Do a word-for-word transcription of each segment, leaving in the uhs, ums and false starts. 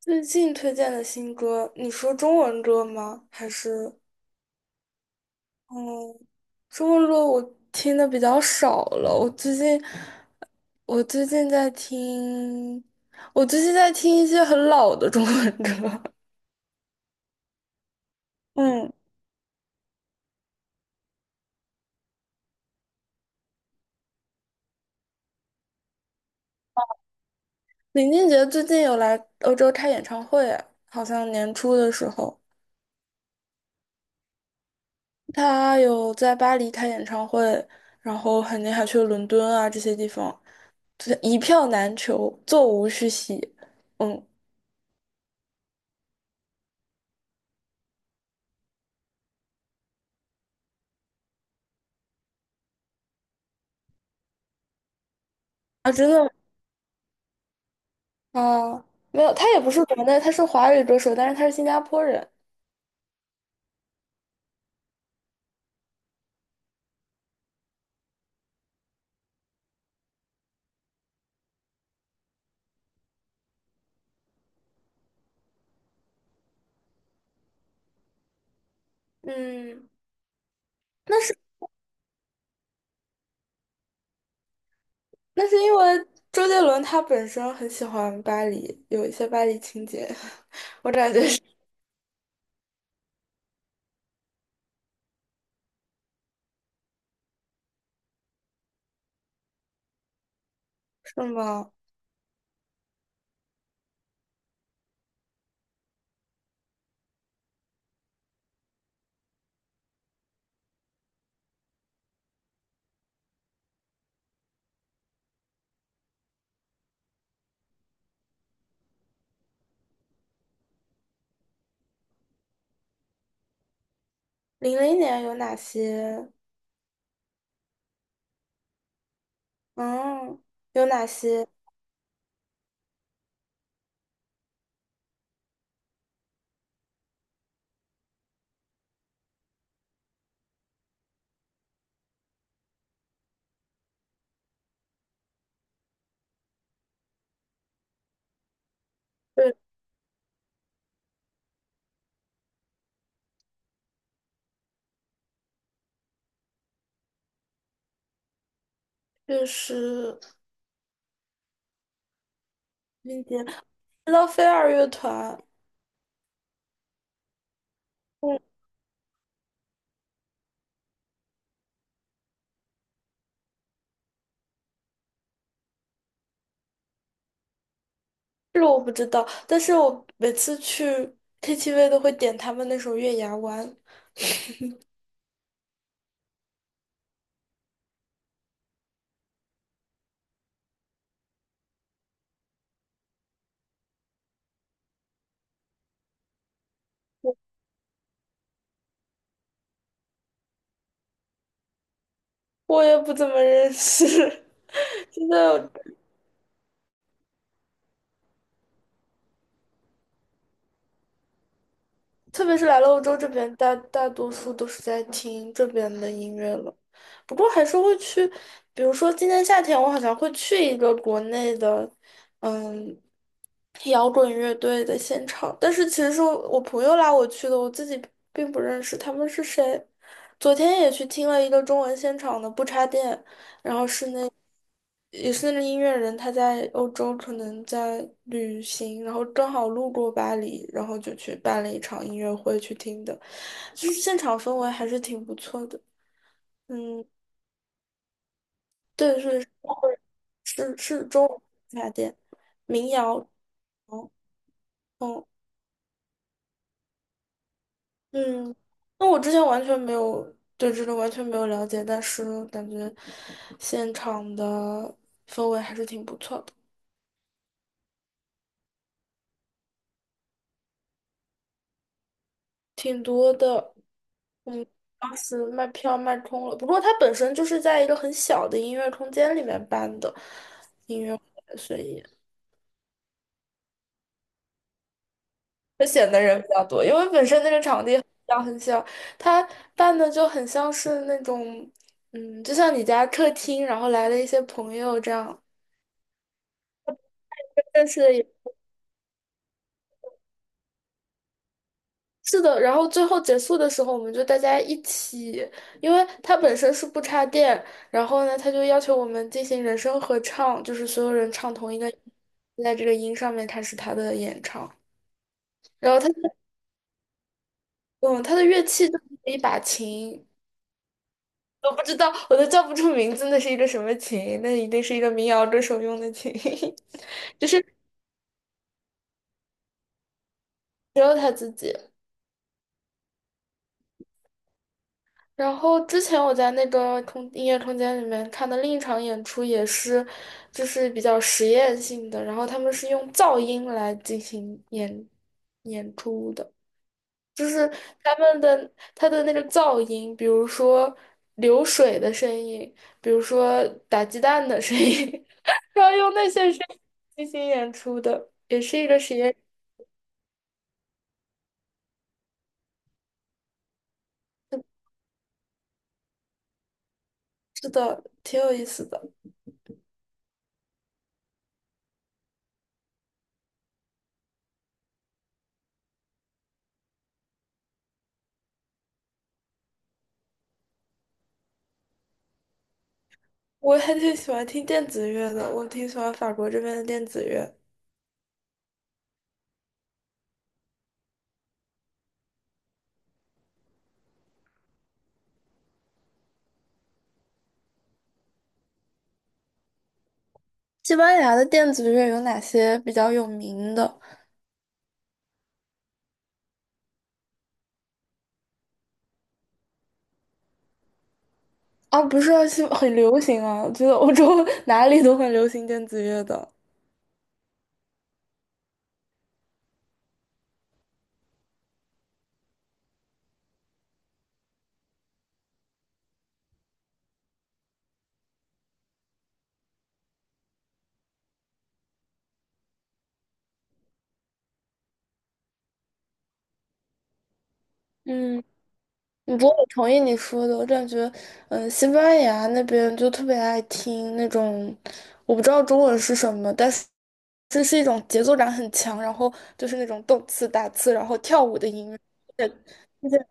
最近推荐的新歌，你说中文歌吗？还是嗯，中文歌我听的比较少了。我最近，我最近在听，我最近在听一些很老的中文歌。嗯，林俊杰最近有来欧洲开演唱会，好像年初的时候，他有在巴黎开演唱会，然后肯定还去了伦敦啊这些地方，就是一票难求，座无虚席。嗯。啊，真的啊，没有，他也不是国内，他是华语歌手，但是他是新加坡人。嗯，那是那是因为周杰伦他本身很喜欢巴黎，有一些巴黎情节，我感觉是。是吗？零零年有哪些？嗯，有哪些？对，就是林杰、知道飞儿乐团。嗯，这个我不知道，但是我每次去 K T V 都会点他们那首《月牙湾》，我也不怎么认识。现在特别是来了欧洲这边，大大多数都是在听这边的音乐了。不过还是会去，比如说今年夏天，我好像会去一个国内的，嗯。摇滚乐队的现场，但是其实是我朋友拉我去的，我自己并不认识他们是谁。昨天也去听了一个中文现场的不插电，然后是那也是那个音乐人，他在欧洲可能在旅行，然后正好路过巴黎，然后就去办了一场音乐会去听的，就是现场氛围还是挺不错的。嗯，对，是是是中文不插电民谣，嗯嗯。嗯，那我之前完全没有对这个完全没有了解，但是感觉现场的氛围还是挺不错的，挺多的。嗯，当时卖票卖空了，不过它本身就是在一个很小的音乐空间里面办的音乐会，所以就显得人比较多，因为本身那个场地很小很小，它办的就很像是那种，嗯，就像你家客厅，然后来了一些朋友这样。认识的是的，然后最后结束的时候，我们就大家一起，因为它本身是不插电，然后呢，他就要求我们进行人声合唱，就是所有人唱同一个音在这个音上面开始他的演唱。然后他，嗯，他的乐器就是一把琴，我不知道，我都叫不出名字，那是一个什么琴？那一定是一个民谣歌手用的琴，只有他自己。然后之前我在那个空音乐空间里面看的另一场演出也是，就是比较实验性的，然后他们是用噪音来进行演演出的，就是他们的他的那个噪音，比如说流水的声音，比如说打鸡蛋的声音，然后用那些声音进行演出的，也是一个实验室的，挺有意思的。我还挺喜欢听电子乐的，我挺喜欢法国这边的电子乐。西班牙的电子乐有哪些比较有名的？啊，不是啊，是 很流行啊，我觉得欧洲 哪里都很流行电子乐的。嗯，不过我同意你说的，我感觉，嗯，西班牙那边就特别爱听那种，我不知道中文是什么，但是这是一种节奏感很强，然后就是那种动次打次，然后跳舞的音乐。对，对，对，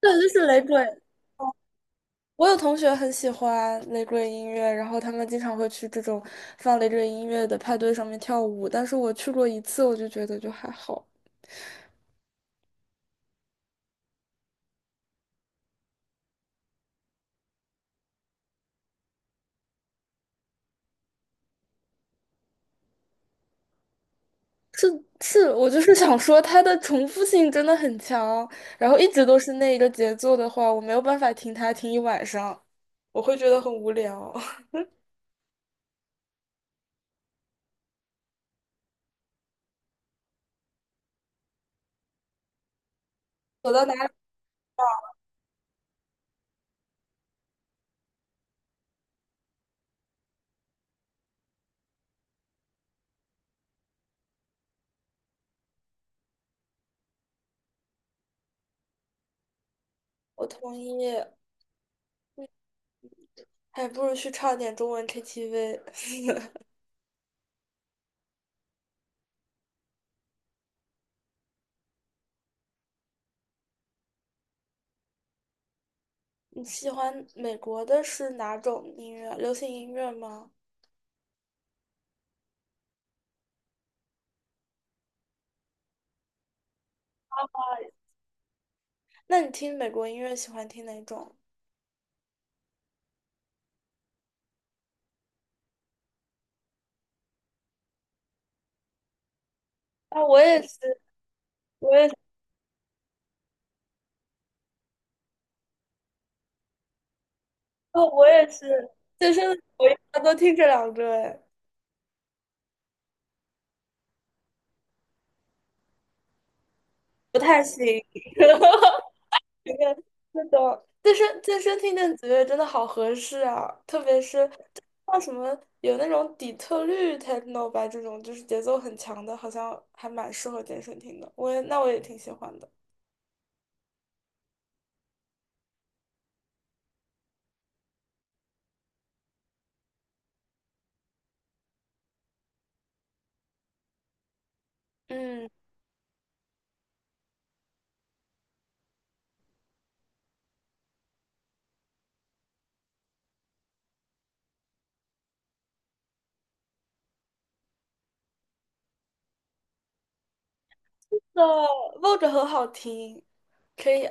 就是雷鬼。我有同学很喜欢雷鬼音乐，然后他们经常会去这种放雷鬼音乐的派对上面跳舞。但是我去过一次，我就觉得就还好。是是，我就是 想说它的重复性真的很强，然后一直都是那一个节奏的话，我没有办法听它听一晚上，我会觉得很无聊。走到哪里，我同意，还不如去唱点中文 K T V。你喜欢美国的是哪种音乐？流行音乐吗？那你听美国音乐喜欢听哪种？啊，我也是，我也是，哦，我也是，健身我一般都听这两个，哎，不太行。那个那种健身健身听电子乐真的好合适啊，特别是像什么有那种底特律 techno 吧，这种就是节奏很强的，好像还蛮适合健身听的。我也那我也挺喜欢的。嗯，那 v 着很好听，可以。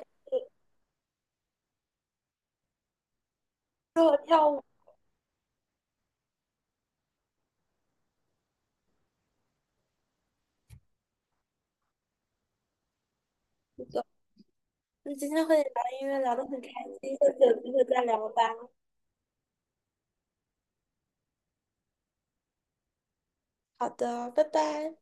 适合跳舞。那今天和你聊音乐聊得很开心，下次有机会再聊吧。好的，拜拜。